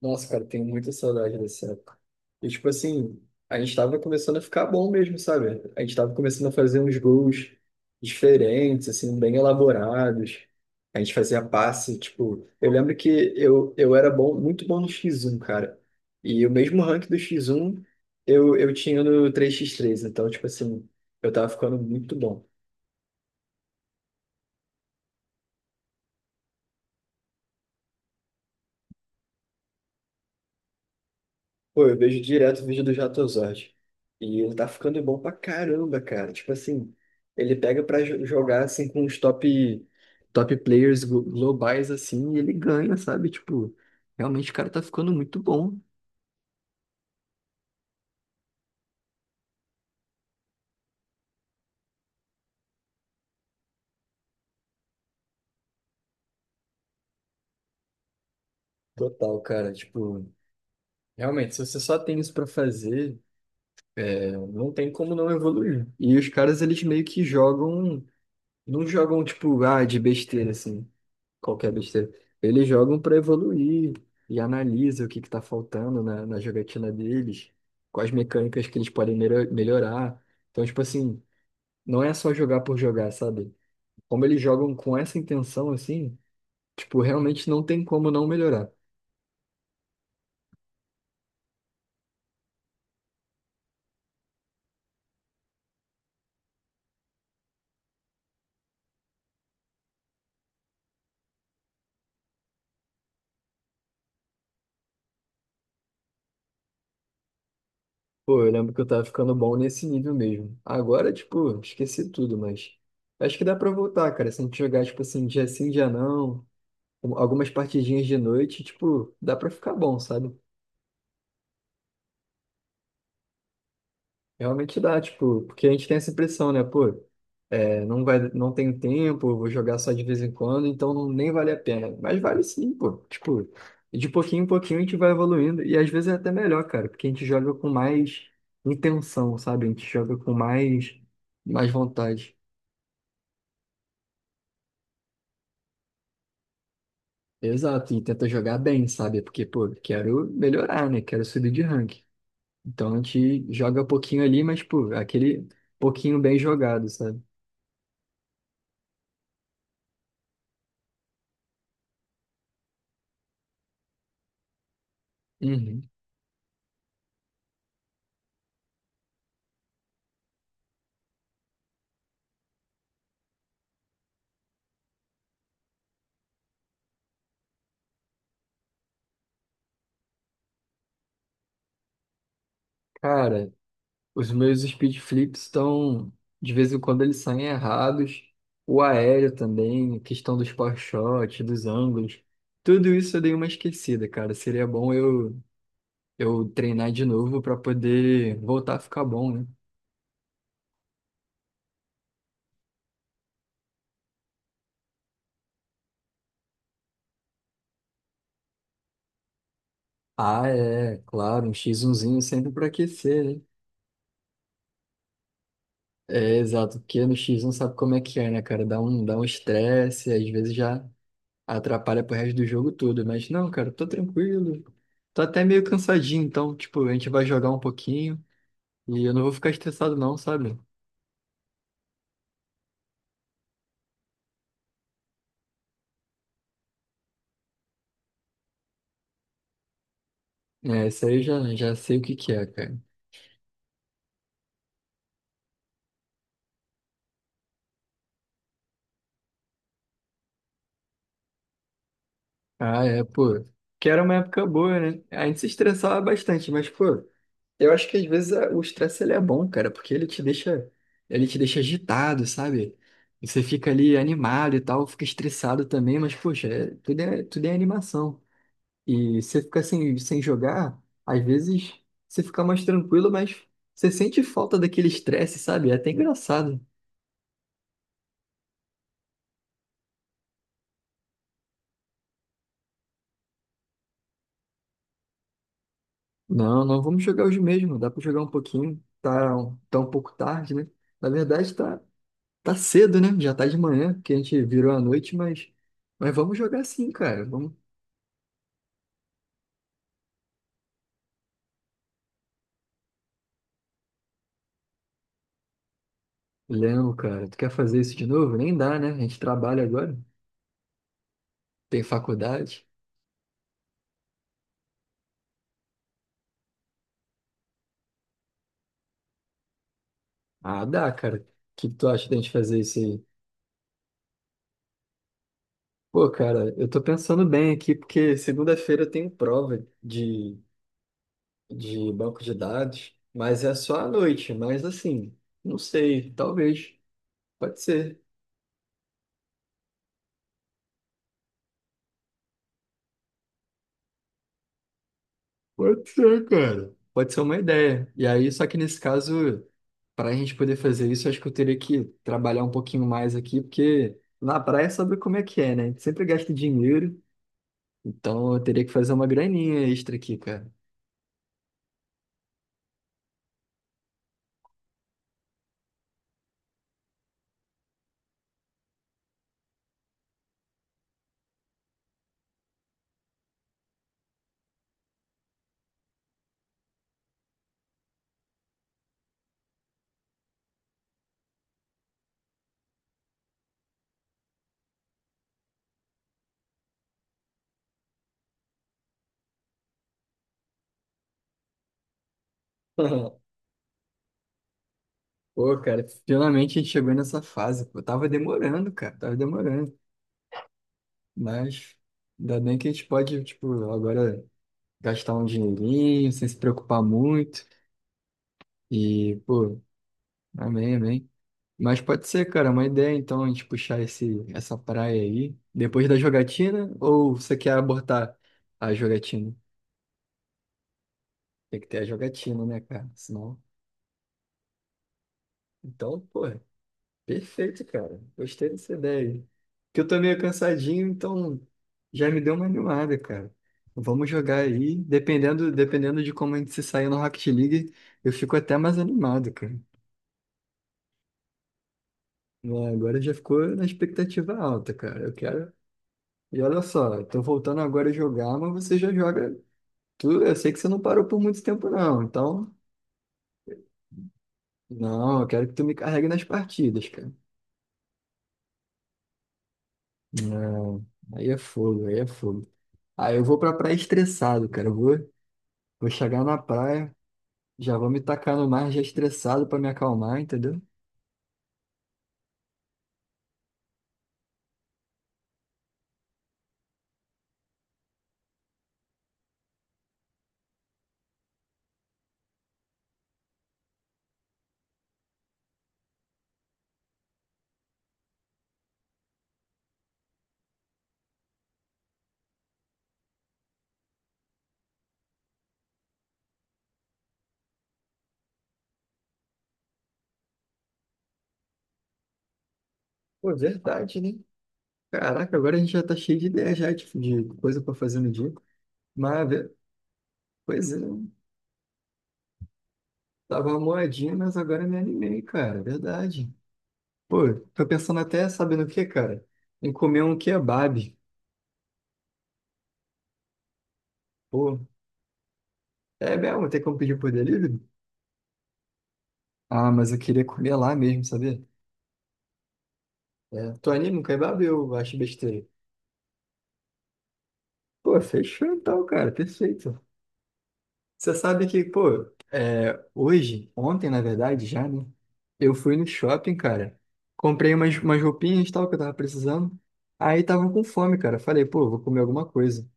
Nossa, cara, tenho muita saudade dessa época. E, tipo assim, a gente tava começando a ficar bom mesmo, sabe? A gente tava começando a fazer uns gols diferentes, assim, bem elaborados. A gente fazia passe, tipo, eu lembro que eu era bom, muito bom no X1, cara. E o mesmo rank do X1 eu tinha no 3x3. Então, tipo assim, eu tava ficando muito bom. Pô, eu vejo direto o vídeo do Jatozord. E ele tá ficando bom pra caramba, cara. Tipo assim, ele pega pra jogar assim com os top players globais assim e ele ganha, sabe? Tipo, realmente o cara tá ficando muito bom. Total, cara. Tipo, realmente, se você só tem isso pra fazer, não tem como não evoluir. E os caras, eles meio que jogam. Não jogam, tipo, ah, de besteira, assim, qualquer besteira. Eles jogam pra evoluir e analisa o que que tá faltando na jogatina deles, quais mecânicas que eles podem melhorar. Então, tipo assim, não é só jogar por jogar, sabe? Como eles jogam com essa intenção, assim, tipo, realmente não tem como não melhorar. Pô, eu lembro que eu tava ficando bom nesse nível mesmo. Agora, tipo, esqueci tudo, mas acho que dá pra voltar, cara. Se a gente jogar, tipo assim, dia sim, dia não, algumas partidinhas de noite, tipo, dá pra ficar bom, sabe? Realmente dá, tipo, porque a gente tem essa impressão, né? Pô, é, não vai, não tenho tempo, vou jogar só de vez em quando, então não, nem vale a pena. Mas vale sim, pô. Tipo, de pouquinho em pouquinho a gente vai evoluindo. E às vezes é até melhor, cara, porque a gente joga com mais intenção, sabe? A gente joga com mais, mais vontade. Exato, e tenta jogar bem, sabe? Porque, pô, quero melhorar, né? Quero subir de rank. Então a gente joga um pouquinho ali, mas, pô, aquele pouquinho bem jogado, sabe? Uhum. Cara, os meus speed flips estão. De vez em quando eles saem errados. O aéreo também, a questão dos power shots, dos ângulos. Tudo isso eu dei uma esquecida, cara. Seria bom eu treinar de novo pra poder voltar a ficar bom, né? Ah, é, claro, um x 1 sempre pra aquecer, né? É, exato, porque no X1 sabe como é que é, né, cara? Dá um estresse, às vezes já. Atrapalha pro resto do jogo todo, mas não, cara, tô tranquilo. Tô até meio cansadinho, então, tipo, a gente vai jogar um pouquinho e eu não vou ficar estressado não, sabe? É, isso aí eu já sei o que que é, cara. Ah, é, pô. Que era uma época boa, né? A gente se estressava bastante, mas, pô, eu acho que às vezes o estresse ele é bom, cara, porque ele te deixa agitado, sabe? Você fica ali animado e tal, fica estressado também, mas, poxa, tudo é animação. E você fica sem jogar, às vezes você fica mais tranquilo, mas você sente falta daquele estresse, sabe? É até engraçado. Não, não vamos jogar hoje mesmo, dá pra jogar um pouquinho. Tá, tá um pouco tarde, né? Na verdade, tá cedo, né? Já tá de manhã, que a gente virou à noite, mas vamos jogar sim, cara. Vamos. Léo, cara, tu quer fazer isso de novo? Nem dá, né? A gente trabalha agora, tem faculdade. Ah, dá, cara. O que que tu acha da gente fazer isso aí? Pô, cara, eu tô pensando bem aqui, porque segunda-feira eu tenho prova de banco de dados, mas é só à noite, mas assim, não sei, talvez, pode ser. Pode ser, cara. Pode ser uma ideia. E aí, só que nesse caso, para a gente poder fazer isso, acho que eu teria que trabalhar um pouquinho mais aqui, porque na praia sabe como é que é, né? A gente sempre gasta dinheiro, então eu teria que fazer uma graninha extra aqui, cara. Pô, cara, finalmente a gente chegou nessa fase. Pô, tava demorando, cara, tava demorando. Mas ainda bem que a gente pode, tipo, agora gastar um dinheirinho sem se preocupar muito. E, pô, amém, amém. Mas pode ser, cara, uma ideia então a gente puxar essa praia aí depois da jogatina? Ou você quer abortar a jogatina? Tem que ter a jogatina, né, cara? Senão. Então, pô. Perfeito, cara. Gostei dessa ideia. Que eu tô meio cansadinho, então já me deu uma animada, cara. Vamos jogar aí. Dependendo de como a gente se sair no Rocket League, eu fico até mais animado, cara. Né, agora já ficou na expectativa alta, cara. Eu quero. E olha só, tô voltando agora a jogar, mas você já joga. Tu, eu sei que você não parou por muito tempo, não. Então, não, eu quero que tu me carregue nas partidas, cara. Não, aí é fogo. Aí eu vou pra praia estressado, cara. Eu vou. Vou chegar na praia, já vou me tacar no mar já estressado pra me acalmar, entendeu? Pô, verdade, né? Caraca, agora a gente já tá cheio de ideia já, tipo, de coisa pra fazer no dia. Mas, pois é, tava moadinha, mas agora me animei, cara, verdade. Pô, tô pensando até, sabe no que, cara? Em comer um kebab. Pô, é mesmo, tem como pedir por delivery? Ah, mas eu queria comer lá mesmo, sabia? É, tu anima um kebab ou eu acho besteira? Pô, fechou então, cara, perfeito. Você sabe que, hoje, ontem, na verdade, já, né? Eu fui no shopping, cara. Comprei umas roupinhas e tal que eu tava precisando. Aí tava com fome, cara. Falei, pô, vou comer alguma coisa.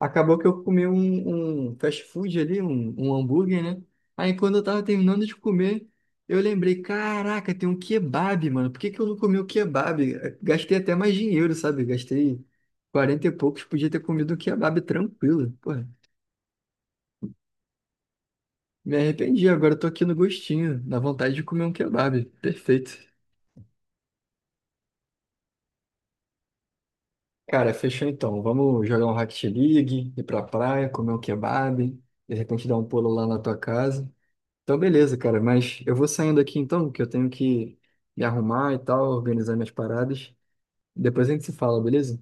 Acabou que eu comi um fast food ali, um hambúrguer, né? Aí quando eu tava terminando de comer, eu lembrei, caraca, tem um kebab, mano. Por que que eu não comi o kebab? Gastei até mais dinheiro, sabe? Gastei 40 e poucos, podia ter comido o kebab tranquilo. Pô, me arrependi, agora eu tô aqui no gostinho, na vontade de comer um kebab. Perfeito. Cara, fechou então. Vamos jogar um Rocket League, ir pra praia, comer um kebab, de repente dar um pulo lá na tua casa. Então, beleza, cara, mas eu vou saindo aqui então, que eu tenho que me arrumar e tal, organizar minhas paradas. Depois a gente se fala, beleza?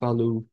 Falou.